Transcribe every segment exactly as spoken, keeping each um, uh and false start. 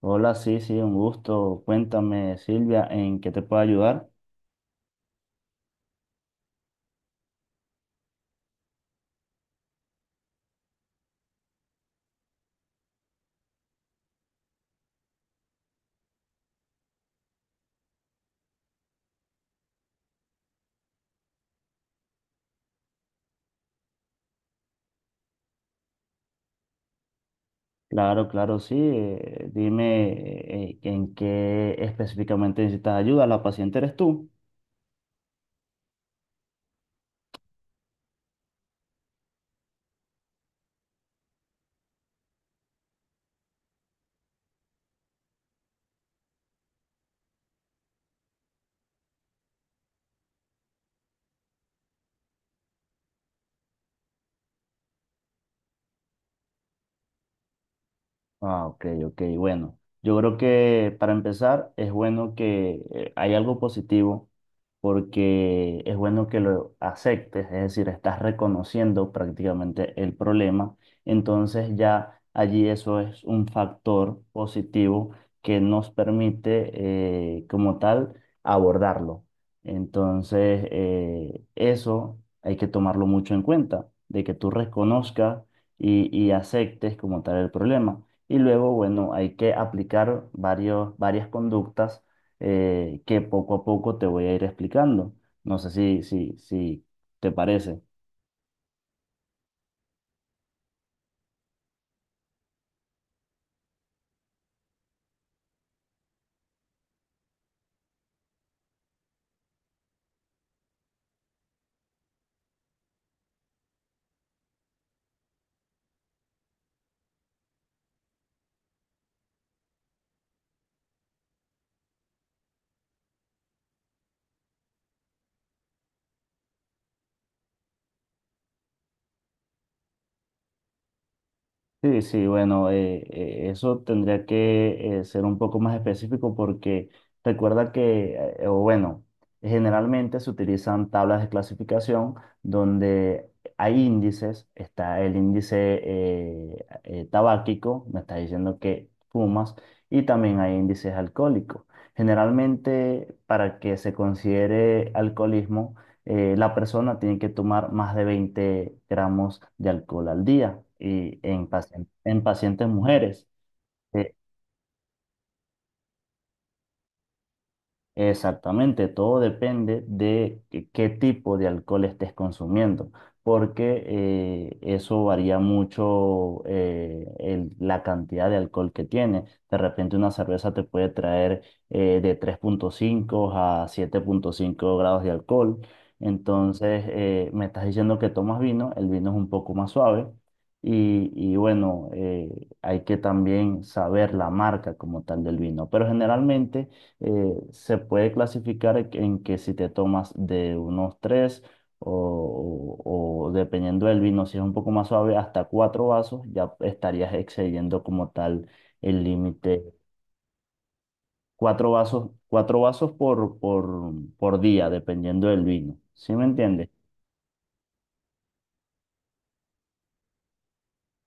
Hola, sí, sí, un gusto. Cuéntame, Silvia, ¿en qué te puedo ayudar? Claro, claro, sí. Eh, dime eh, en qué específicamente necesitas ayuda. La paciente eres tú. Ah, ok, ok, bueno. Yo creo que para empezar es bueno que eh, hay algo positivo porque es bueno que lo aceptes, es decir, estás reconociendo prácticamente el problema, entonces ya allí eso es un factor positivo que nos permite eh, como tal abordarlo. Entonces, eh, eso hay que tomarlo mucho en cuenta, de que tú reconozcas y, y aceptes como tal el problema. Y luego, bueno, hay que aplicar varios, varias conductas eh, que poco a poco te voy a ir explicando. No sé si, si, si te parece. Sí, sí, bueno, eh, eh, eso tendría que eh, ser un poco más específico porque recuerda que, eh, o bueno, generalmente se utilizan tablas de clasificación donde hay índices, está el índice eh, eh, tabáquico, me está diciendo que fumas, y también hay índices alcohólicos. Generalmente, para que se considere alcoholismo, eh, la persona tiene que tomar más de veinte gramos de alcohol al día y en, pacien- en pacientes mujeres. eh, Exactamente, todo depende de qué qué tipo de alcohol estés consumiendo, porque eh, eso varía mucho eh, el- la cantidad de alcohol que tiene. De repente una cerveza te puede traer eh, de tres punto cinco a siete punto cinco grados de alcohol. Entonces, eh, me estás diciendo que tomas vino, el vino es un poco más suave. Y, y bueno, eh, hay que también saber la marca como tal del vino, pero generalmente eh, se puede clasificar en que si te tomas de unos tres o, o- o dependiendo del vino, si es un poco más suave, hasta cuatro vasos, ya estarías excediendo como tal el límite. Cuatro vasos, cuatro vasos por, por, por día, dependiendo del vino. ¿Sí me entiendes?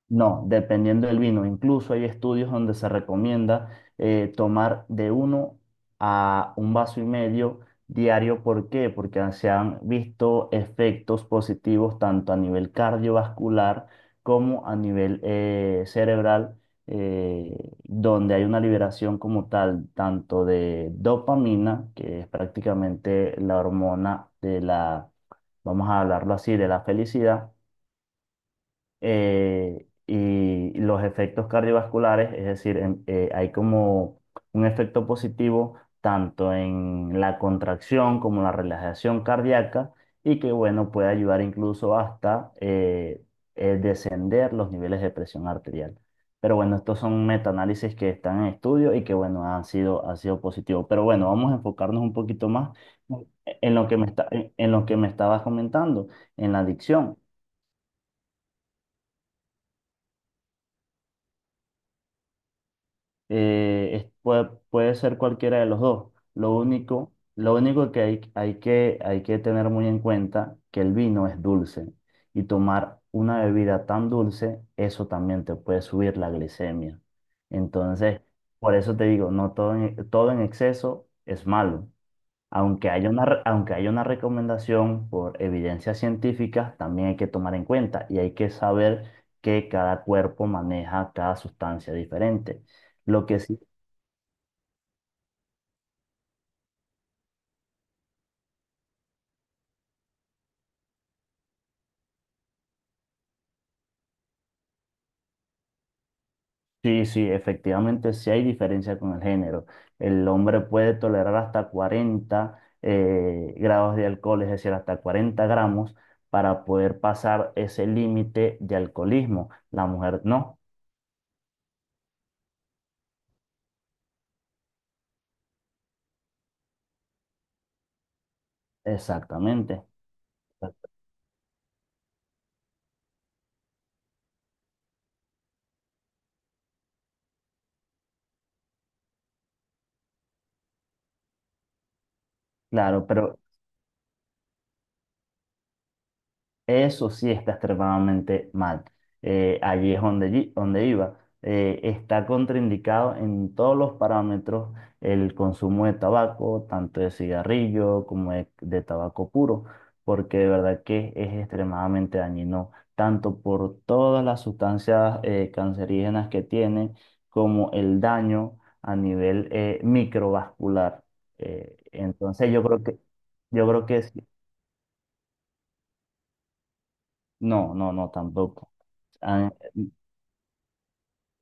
No, dependiendo del vino. Incluso hay estudios donde se recomienda eh, tomar de uno a un vaso y medio diario. ¿Por qué? Porque se han visto efectos positivos tanto a nivel cardiovascular como a nivel eh, cerebral, eh, donde hay una liberación como tal, tanto de dopamina, que es prácticamente la hormona de la, vamos a hablarlo así, de la felicidad eh, y los efectos cardiovasculares, es decir, en- eh, hay como un efecto positivo tanto en la contracción como en la relajación cardíaca y que, bueno, puede ayudar incluso hasta eh, eh, descender los niveles de presión arterial. Pero bueno, estos son metaanálisis que están en estudio y que, bueno, han sido, han sido positivos. Pero bueno, vamos a enfocarnos un poquito más en lo que me está, en en lo que me estabas comentando, en la adicción. eh, es- puede, puede ser cualquiera de los dos. Lo único, lo único que hay, hay que hay que tener muy en cuenta que el vino es dulce y tomar una bebida tan dulce, eso también te puede subir la glicemia. Entonces, por eso te digo, no todo en, todo en exceso es malo. Aunque haya una, re- aunque haya una recomendación por evidencia científica, también hay que tomar en cuenta y hay que saber que cada cuerpo maneja cada sustancia diferente. Lo que sí, sí, sí, efectivamente sí hay diferencia con el género. El hombre puede tolerar hasta cuarenta eh, grados de alcohol, es decir, hasta cuarenta gramos, para poder pasar ese límite de alcoholismo. La mujer no, exactamente. Claro, pero eso sí está extremadamente mal. Eh, allí es donde, yi- donde iba. Eh, está contraindicado en todos los parámetros el consumo de tabaco, tanto de cigarrillo como de, de tabaco puro, porque de verdad que es extremadamente dañino, tanto por todas las sustancias eh, cancerígenas que tiene, como el daño a nivel eh, microvascular. Eh, entonces yo creo que, yo creo que sí. No, no, no, tampoco. Ah,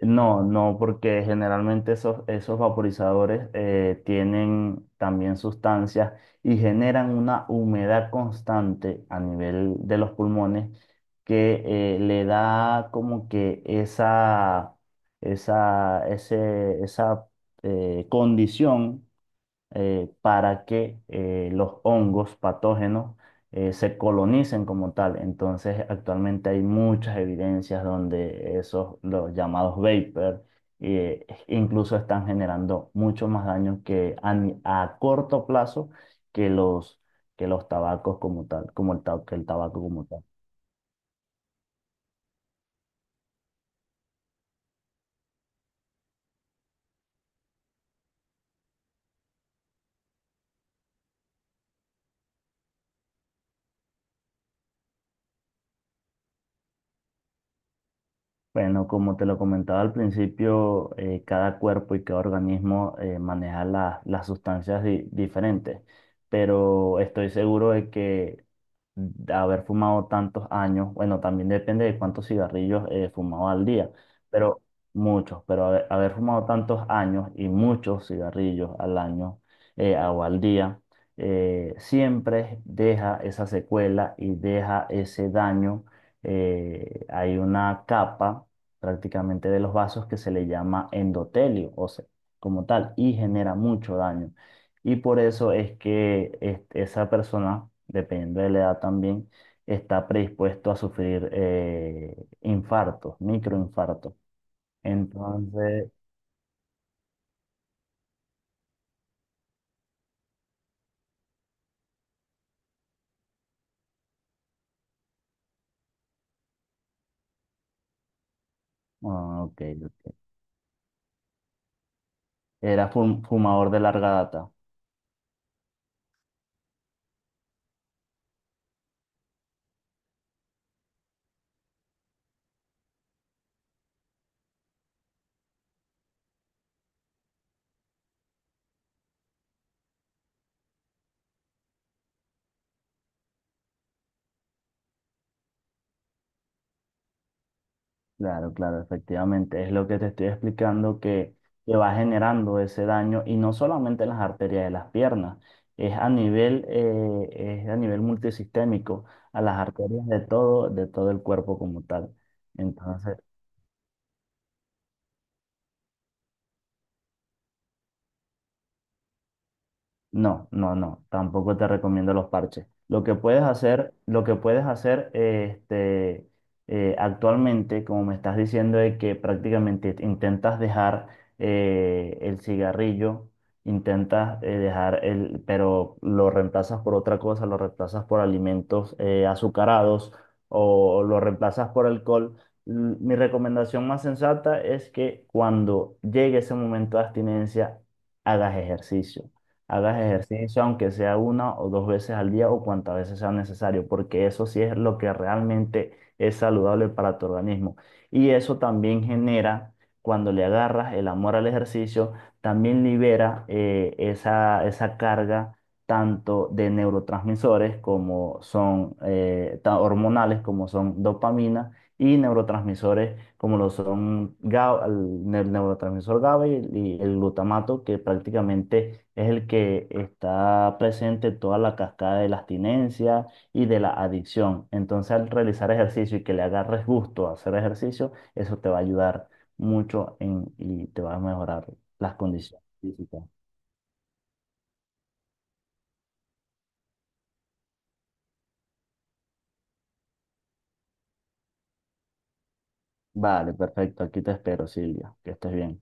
no, no, porque generalmente esos, esos vaporizadores eh, tienen también sustancias y generan una humedad constante a nivel de los pulmones que eh, le da como que esa, esa, ese- esa eh, condición eh, para que eh, los hongos patógenos eh, se colonicen como tal. Entonces, actualmente hay muchas evidencias donde esos, los llamados vapor, eh, incluso están generando mucho más daño que a, ni- a corto plazo que los, que los tabacos como tal, como el, ta- que el tabaco como tal. Bueno, como te lo comentaba al principio, eh, cada cuerpo y cada organismo eh, maneja la- las sustancias di- diferentes, pero estoy seguro de que de haber fumado tantos años, bueno, también depende de cuántos cigarrillos eh, fumaba al día, pero muchos, pero haber, haber fumado tantos años y muchos cigarrillos al año eh, o al día, eh, siempre deja esa secuela y deja ese daño. Eh, hay una capa prácticamente de los vasos que se le llama endotelio, o sea, como tal, y genera mucho daño. Y por eso es que es- esa persona, dependiendo de la edad también, está predispuesto a sufrir eh, infartos, microinfartos. Entonces, ah, ok, ok. Era fum- fumador de larga data. Claro, claro, efectivamente. Es lo que te estoy explicando que, que va generando ese daño y no solamente en las arterias de las piernas, es a nivel, eh, es a nivel multisistémico, a las arterias de todo, de todo el cuerpo como tal. Entonces, no, no, no, tampoco te recomiendo los parches. Lo que puedes hacer, lo que puedes hacer, este, eh, actualmente, como me estás diciendo, es que prácticamente intentas dejar eh, el cigarrillo, intentas eh, dejar el, pero lo reemplazas por otra cosa, lo reemplazas por alimentos eh, azucarados o lo reemplazas por alcohol. L- Mi recomendación más sensata es que cuando llegue ese momento de abstinencia, hagas ejercicio hagas ejercicio, aunque sea una o dos veces al día o cuantas veces sea necesario, porque eso sí es lo que realmente es saludable para tu organismo. Y eso también genera, cuando le agarras el amor al ejercicio, también libera eh, esa, esa carga tanto de neurotransmisores como son eh, ta- hormonales, como son dopamina y neurotransmisores como lo son GA- el ne- neurotransmisor GABA y, y el glutamato, que prácticamente es el que está presente en toda la cascada de la abstinencia y de la adicción. Entonces, al realizar ejercicio y que le agarres gusto a hacer ejercicio, eso te va a ayudar mucho en, y te va a mejorar las condiciones físicas. Vale, perfecto. Aquí te espero, Silvia. Que estés bien.